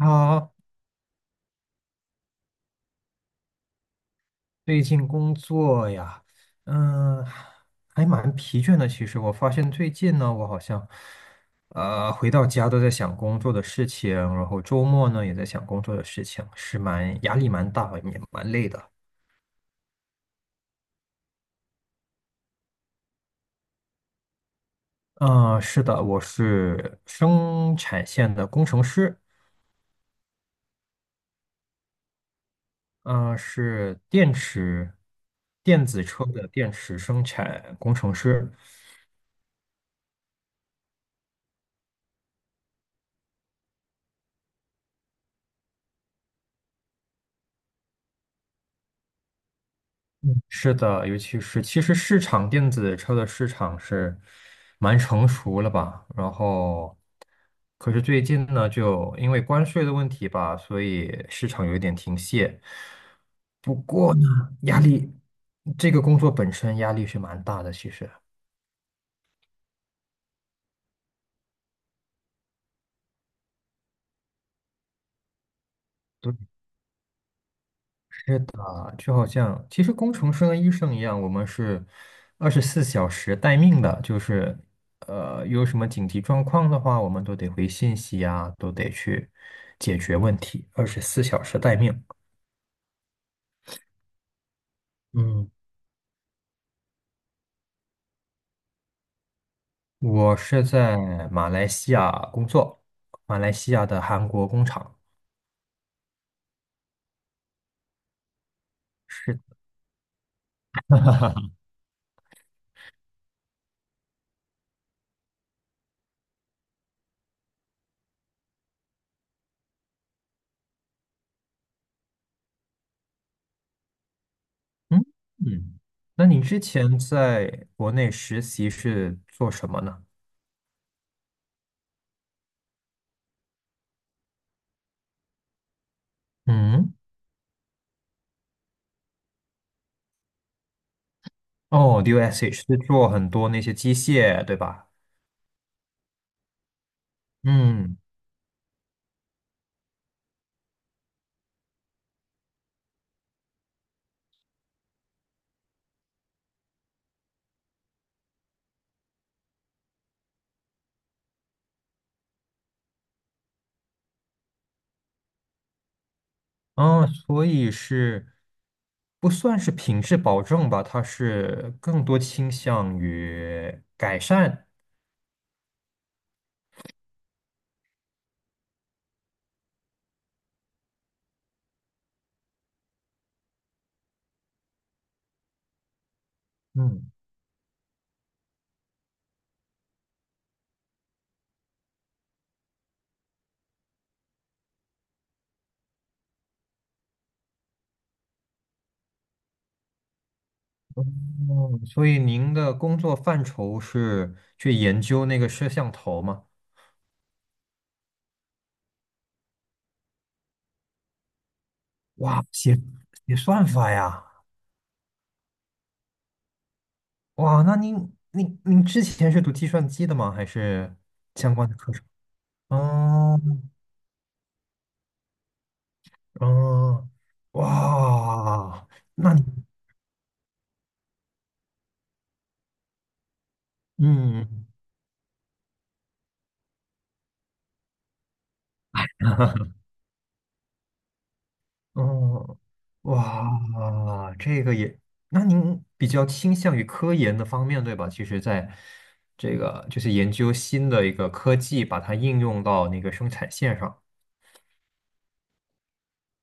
啊，最近工作呀，嗯，还蛮疲倦的。其实我发现最近呢，我好像，回到家都在想工作的事情，然后周末呢也在想工作的事情，是蛮压力蛮大，也蛮累的。嗯，是的，我是生产线的工程师，嗯，电子车的电池生产工程师。嗯是的，尤其是其实市场电子车的市场是蛮成熟了吧，然后可是最近呢，就因为关税的问题吧，所以市场有一点停歇。不过呢，压力这个工作本身压力是蛮大的，其实。啊，就好像其实工程师跟医生一样，我们是二十四小时待命的，就是有什么紧急状况的话，我们都得回信息啊，都得去解决问题，二十四小时待命。嗯我是在马来西亚工作，马来西亚的韩国工厂。是的，嗯嗯，那你之前在国内实习是做什么呢？嗯，哦，DOSH 是做很多那些机械，对吧？嗯，啊，所以是不算是品质保证吧，它是更多倾向于改善。嗯，哦，所以您的工作范畴是去研究那个摄像头吗？哇，写算法呀！哇，那您之前是读计算机的吗？还是相关的课程？嗯嗯，哇，那你嗯。哦，哇，这个也，那您比较倾向于科研的方面，对吧？其实，在这个就是研究新的一个科技，把它应用到那个生产线上。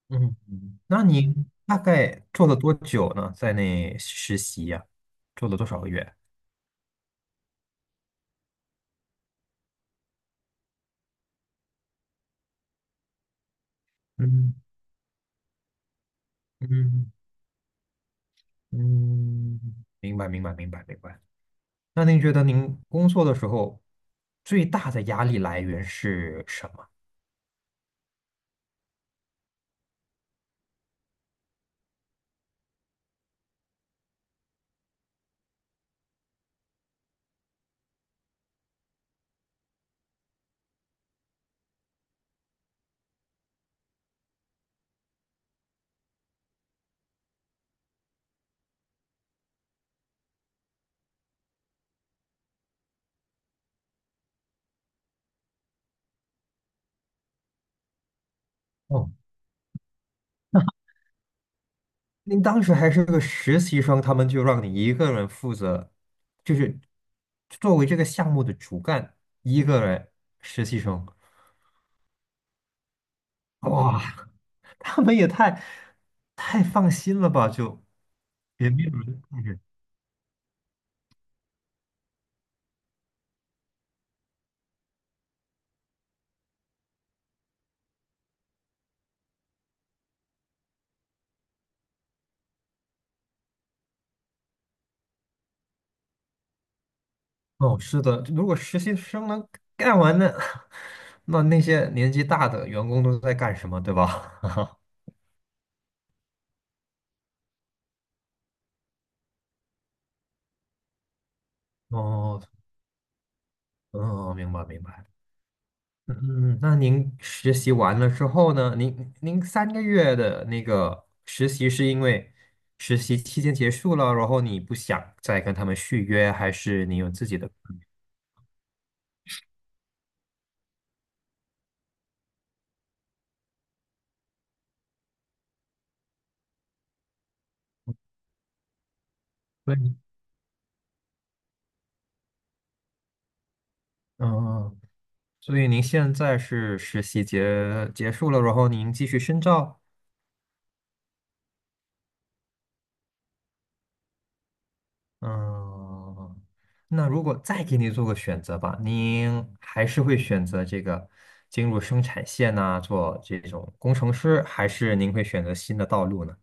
嗯，那您大概做了多久呢？在那实习呀、做了多少个月？嗯嗯嗯，明白明白明白明白。那您觉得您工作的时候最大的压力来源是什么？哦您当时还是个实习生，他们就让你一个人负责，就是作为这个项目的主干，一个人实习生，哇，他们也太放心了吧？就也没有人看着。哦，是的，如果实习生能干完呢，那那些年纪大的员工都在干什么，对吧？哦，嗯，明白明白。嗯，嗯那您实习完了之后呢？您3个月的那个实习是因为实习期间结束了，然后你不想再跟他们续约，还是你有自己的？对，嗯，所以您现在是实习结束了，然后您继续深造。嗯，那如果再给你做个选择吧，您还是会选择这个进入生产线呐、做这种工程师，还是您会选择新的道路呢？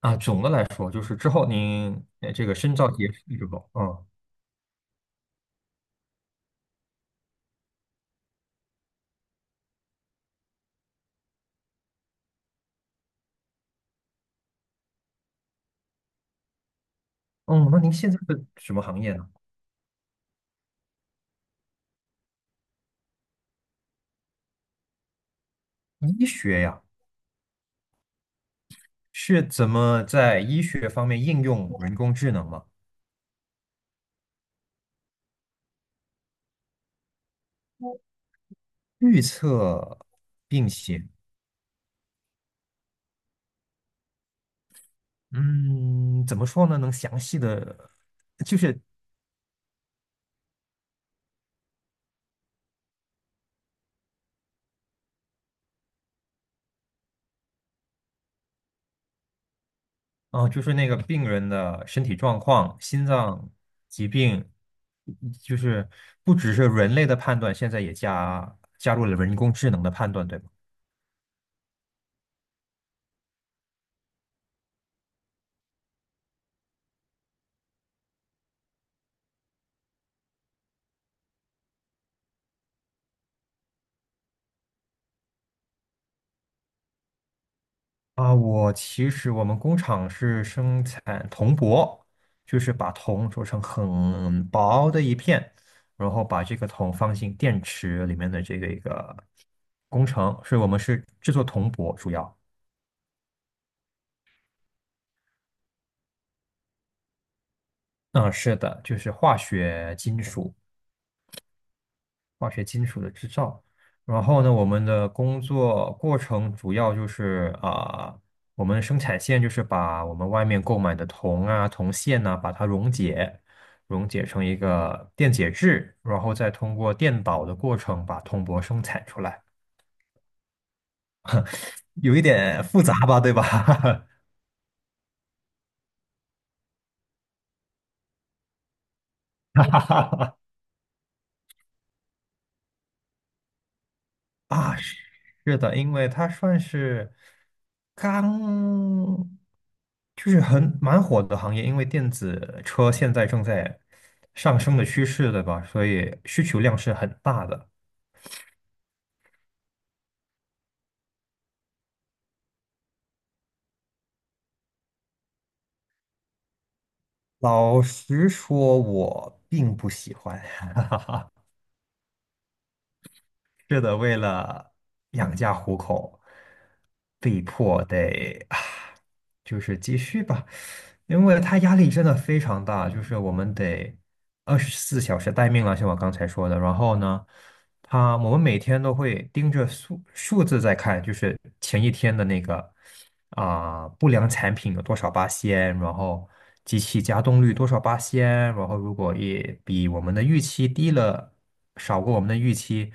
啊，总的来说，就是之后您这个深造结束之后，嗯嗯，那您现在是什么行业呢？医学呀，是怎么在医学方面应用人工智能吗？预测病情，嗯，怎么说呢？能详细的就是啊，就是那个病人的身体状况、心脏疾病，就是不只是人类的判断，现在也加入了人工智能的判断，对吗？啊，我其实我们工厂是生产铜箔，就是把铜做成很薄的一片，然后把这个铜放进电池里面的这个一个工程，所以我们是制作铜箔主要。嗯，是的，就是化学金属。化学金属的制造。然后呢，我们的工作过程主要就是啊、我们生产线就是把我们外面购买的铜啊、铜线呐、把它溶解，溶解成一个电解质，然后再通过电导的过程把铜箔生产出来，有一点复杂吧，对吧？啊，是的，因为它算是刚，就是很蛮火的行业，因为电子车现在正在上升的趋势，对吧？所以需求量是很大的。老实说，我并不喜欢。是的，为了养家糊口，被迫得啊，就是继续吧，因为他压力真的非常大，就是我们得二十四小时待命了，像我刚才说的。然后呢，他我们每天都会盯着数字在看，就是前一天的那个。啊、不良产品有多少八仙，然后机器加动率多少八仙，然后如果也比我们的预期低了，少过我们的预期，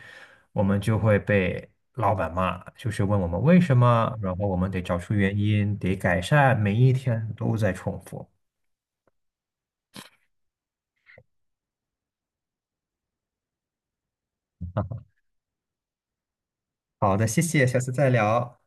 我们就会被老板骂，就是问我们为什么，然后我们得找出原因，得改善，每一天都在重复。好的，谢谢，下次再聊。